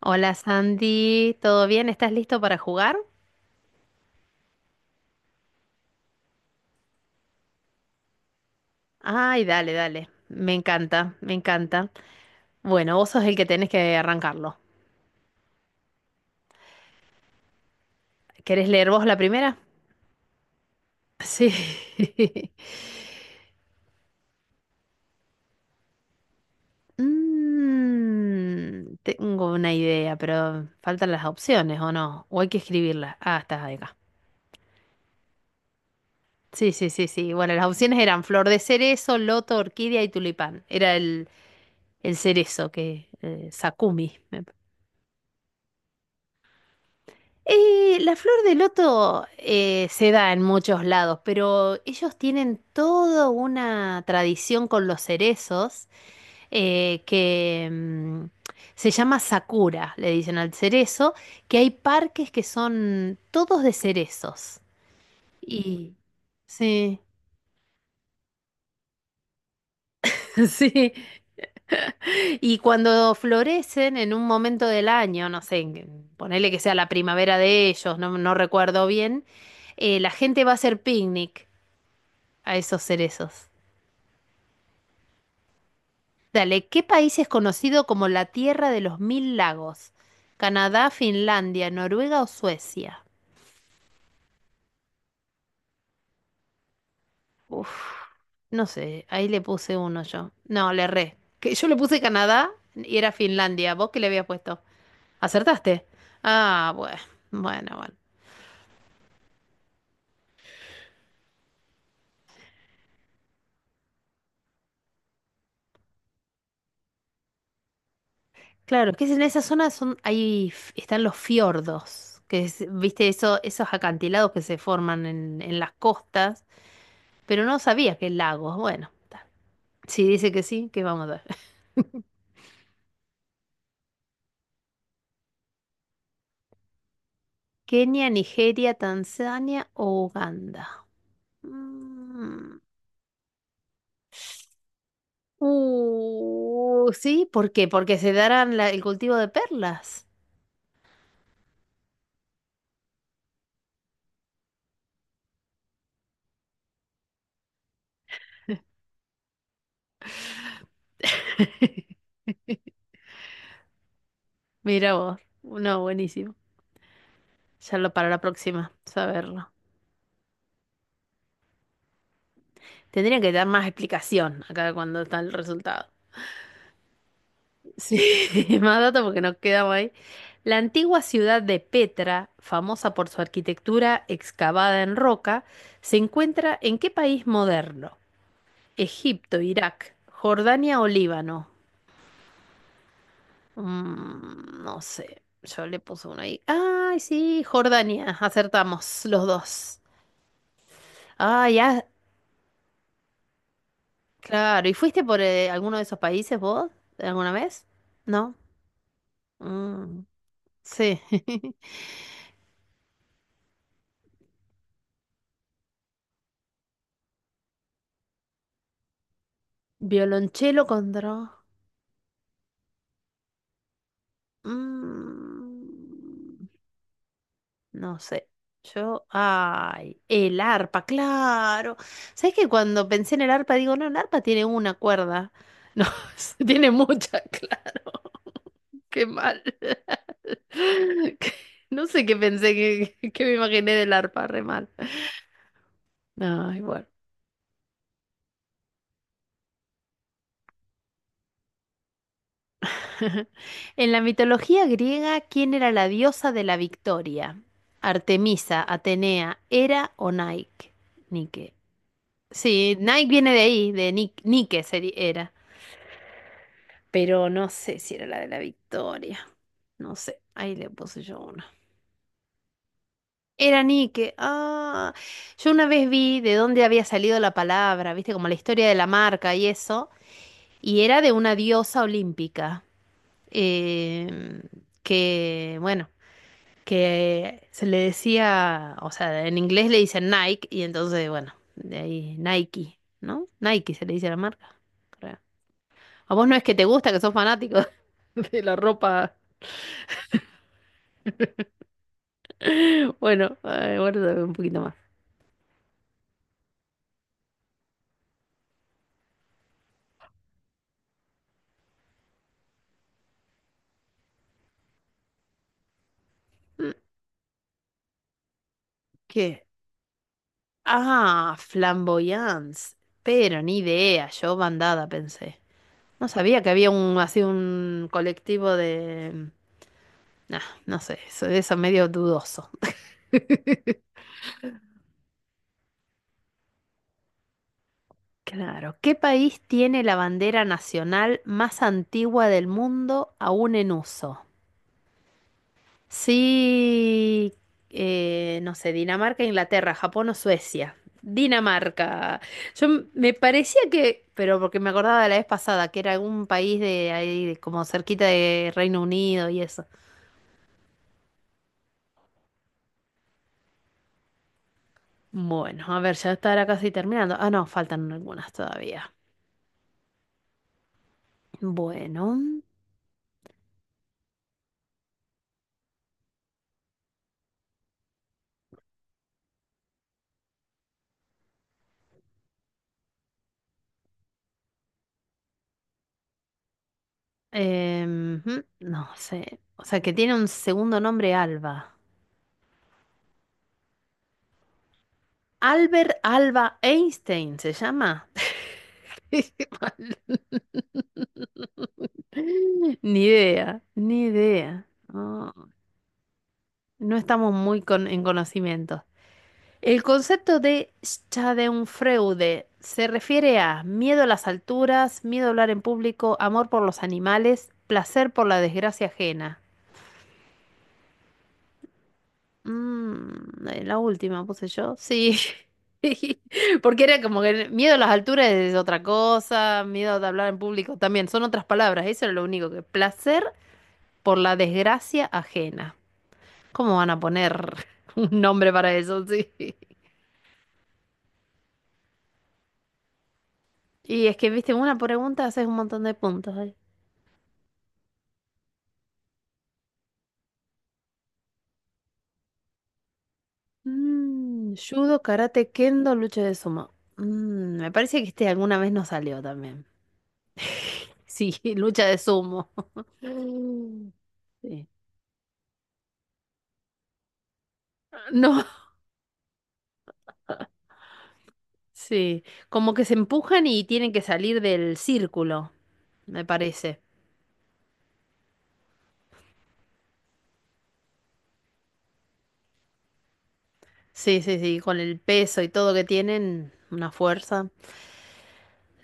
Hola Sandy, ¿todo bien? ¿Estás listo para jugar? Ay, dale, dale. Me encanta, me encanta. Bueno, vos sos el que tenés que arrancarlo. ¿Querés leer vos la primera? Sí. Tengo una idea, pero faltan las opciones, ¿o no? ¿O hay que escribirlas? Ah, estás acá. Sí, sí, sí, sí. Bueno, las opciones eran flor de cerezo, loto, orquídea y tulipán. Era el cerezo que Sakumi. La flor de loto se da en muchos lados, pero ellos tienen toda una tradición con los cerezos, eh, que mm, se llama Sakura, le dicen al cerezo, que hay parques que son todos de cerezos. Y sí, sí. Y cuando florecen en un momento del año, no sé, ponele que sea la primavera de ellos, no, no recuerdo bien, la gente va a hacer picnic a esos cerezos. Dale, ¿qué país es conocido como la Tierra de los Mil Lagos? ¿Canadá, Finlandia, Noruega o Suecia? Uf, no sé, ahí le puse uno yo. No, le erré. Que yo le puse Canadá y era Finlandia. ¿Vos qué le habías puesto? ¿Acertaste? Ah, bueno, bueno, bueno. Claro, que es en esa zona son, ahí están los fiordos, que es, viste, eso, esos acantilados que se forman en las costas, pero no sabía que lagos. Bueno, está. ¿Si dice que sí, que vamos a ver? Kenia, Nigeria, Tanzania o Uganda. Mm. Sí, ¿por qué? Porque se darán el cultivo de perlas. Mira vos, no, buenísimo. Ya lo para la próxima, saberlo. Tendrían que dar más explicación acá cuando está el resultado. Sí, más datos porque nos quedamos ahí. La antigua ciudad de Petra, famosa por su arquitectura excavada en roca, ¿se encuentra en qué país moderno? Egipto, Irak, Jordania o Líbano. Mm, no sé, yo le puse uno ahí. Ay, sí, Jordania, acertamos los dos. Ah, ya, claro. ¿Y fuiste por alguno de esos países vos alguna vez? ¿No? Mm, sí, violonchelo contra... Mm. No sé. Yo, ay, el arpa, claro. ¿Sabes que cuando pensé en el arpa digo, no, el arpa tiene una cuerda? No, tiene muchas, claro. Qué mal. Que- No sé qué pensé, que, que me imaginé del arpa, re mal. Ay, bueno. En la mitología griega, ¿quién era la diosa de la victoria? Artemisa, Atenea, Hera o Nike. Nike. Sí, Nike viene de ahí, de Nick, era. Pero no sé si era la de la Victoria. No sé, ahí le puse yo una. Era Nike. Ah, yo una vez vi de dónde había salido la palabra, viste, como la historia de la marca y eso. Y era de una diosa olímpica, eh, bueno, que se le decía, o sea, en inglés le dicen Nike, y entonces, bueno, de ahí Nike, ¿no? Nike se le dice a la marca, creo. A vos no es que te gusta, que sos fanático de la ropa. Bueno, guarda un poquito más. Mm, ¿qué? Ah, flamboyance. Pero ni idea, yo bandada pensé. No sabía que había un así un colectivo de... Nah, no sé, eso medio dudoso. Claro. ¿Qué país tiene la bandera nacional más antigua del mundo aún en uso? Sí, no sé, Dinamarca, Inglaterra, Japón o Suecia. Dinamarca. Yo me parecía que, pero porque me acordaba de la vez pasada, que era algún país de ahí, de como cerquita de Reino Unido y eso. Bueno, a ver, ya estará casi terminando. Ah, no, faltan algunas todavía. Bueno, no sé. O sea, que tiene un segundo nombre Alba. Albert Alba Einstein se llama. Qué mal. Ni idea, ni idea. Ah, no estamos muy en conocimiento. El concepto de Schadenfreude se refiere a miedo a las alturas, miedo a hablar en público, amor por los animales, placer por la desgracia ajena. Mm, la última puse yo. Sí. Porque era como que miedo a las alturas es otra cosa, miedo de hablar en público también, son otras palabras, eso era lo único que. Placer por la desgracia ajena. ¿Cómo van a poner un nombre para eso? Sí. Y es que, viste, una pregunta haces un montón de puntos. ¿Eh? Mm, judo, karate, kendo, lucha de sumo. Mm, me parece que este alguna vez nos salió también. Sí, lucha de sumo. Mm. Sí. No, sí. Como que se empujan y tienen que salir del círculo, me parece. Sí, sí, sí, con el peso y todo que tienen, una fuerza.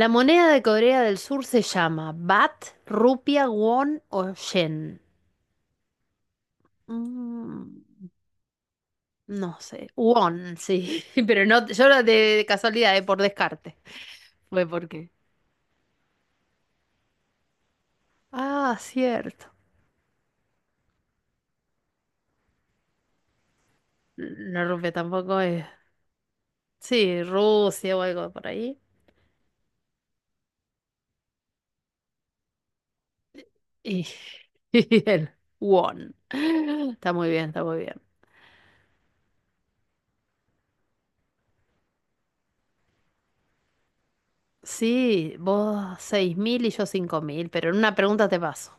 La moneda de Corea del Sur se llama Bat, Rupia, Won o Yen. Mm, no sé. Won, sí. Pero no, yo de casualidad, por descarte. Fue porque. Ah, cierto. La rupia tampoco es. Sí, Rusia o algo por ahí. Y, y el Won. Está muy bien, está muy bien. Sí, vos 6000 y yo 5000, pero en una pregunta te paso.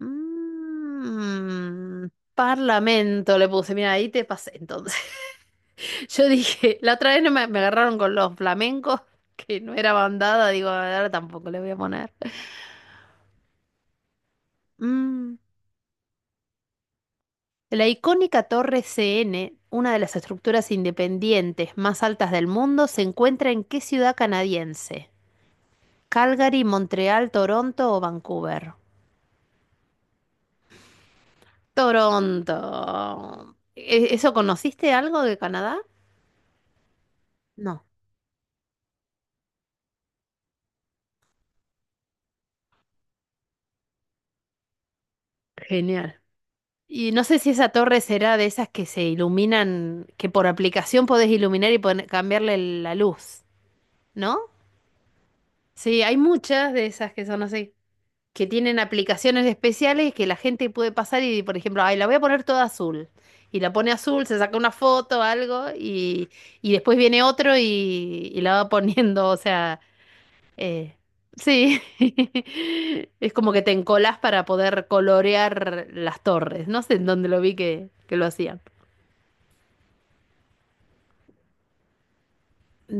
Mm, parlamento le puse. Mira, ahí te pasé entonces. Yo dije, la otra vez no me, me agarraron con los flamencos, que no era bandada, digo, ahora tampoco le voy a poner. Mm, la icónica Torre CN, una de las estructuras independientes más altas del mundo, ¿se encuentra en qué ciudad canadiense? Calgary, Montreal, Toronto o Vancouver. Toronto. ¿Eso conociste algo de Canadá? No. Genial. Y no sé si esa torre será de esas que se iluminan, que por aplicación podés iluminar y cambiarle la luz, ¿no? Sí, hay muchas de esas que son así, que tienen aplicaciones especiales que la gente puede pasar y, por ejemplo, ay, la voy a poner toda azul. Y la pone azul, se saca una foto, algo, y después viene otro y la va poniendo, o sea, eh, sí, es como que te encolás para poder colorear las torres. No sé en dónde lo vi que lo hacían.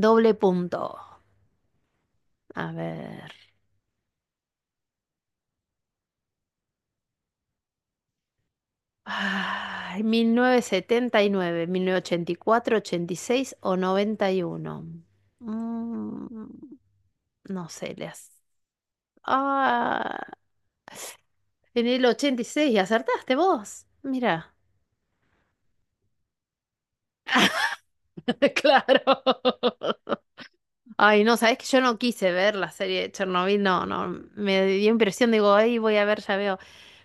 Doble punto. A ver. Ay, 1979, 1984, 86 o 91. Mm, no sé, las. Ah, en el 86 acertaste vos. Mira. Claro. Ay, no, sabés que yo no quise ver la serie de Chernobyl, no, no, me dio impresión, digo, ahí voy a ver, ya veo.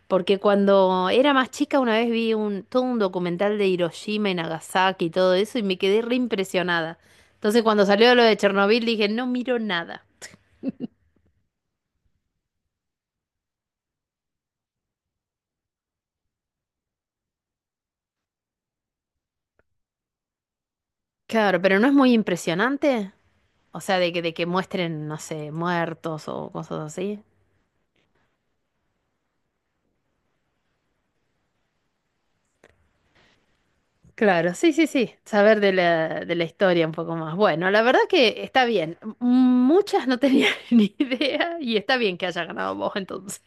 Porque cuando era más chica una vez vi un, todo un documental de Hiroshima y Nagasaki y todo eso y me quedé re impresionada. Entonces cuando salió lo de Chernobyl dije, no miro nada. Claro, pero no es muy impresionante. O sea, de que muestren, no sé, muertos o cosas así. Claro, sí, sí, sí. Saber de la historia un poco más. Bueno, la verdad que está bien. Muchas no tenía ni idea y está bien que haya ganado vos entonces.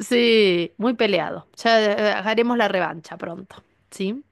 Sí, muy peleado. Ya haremos la revancha pronto, ¿sí?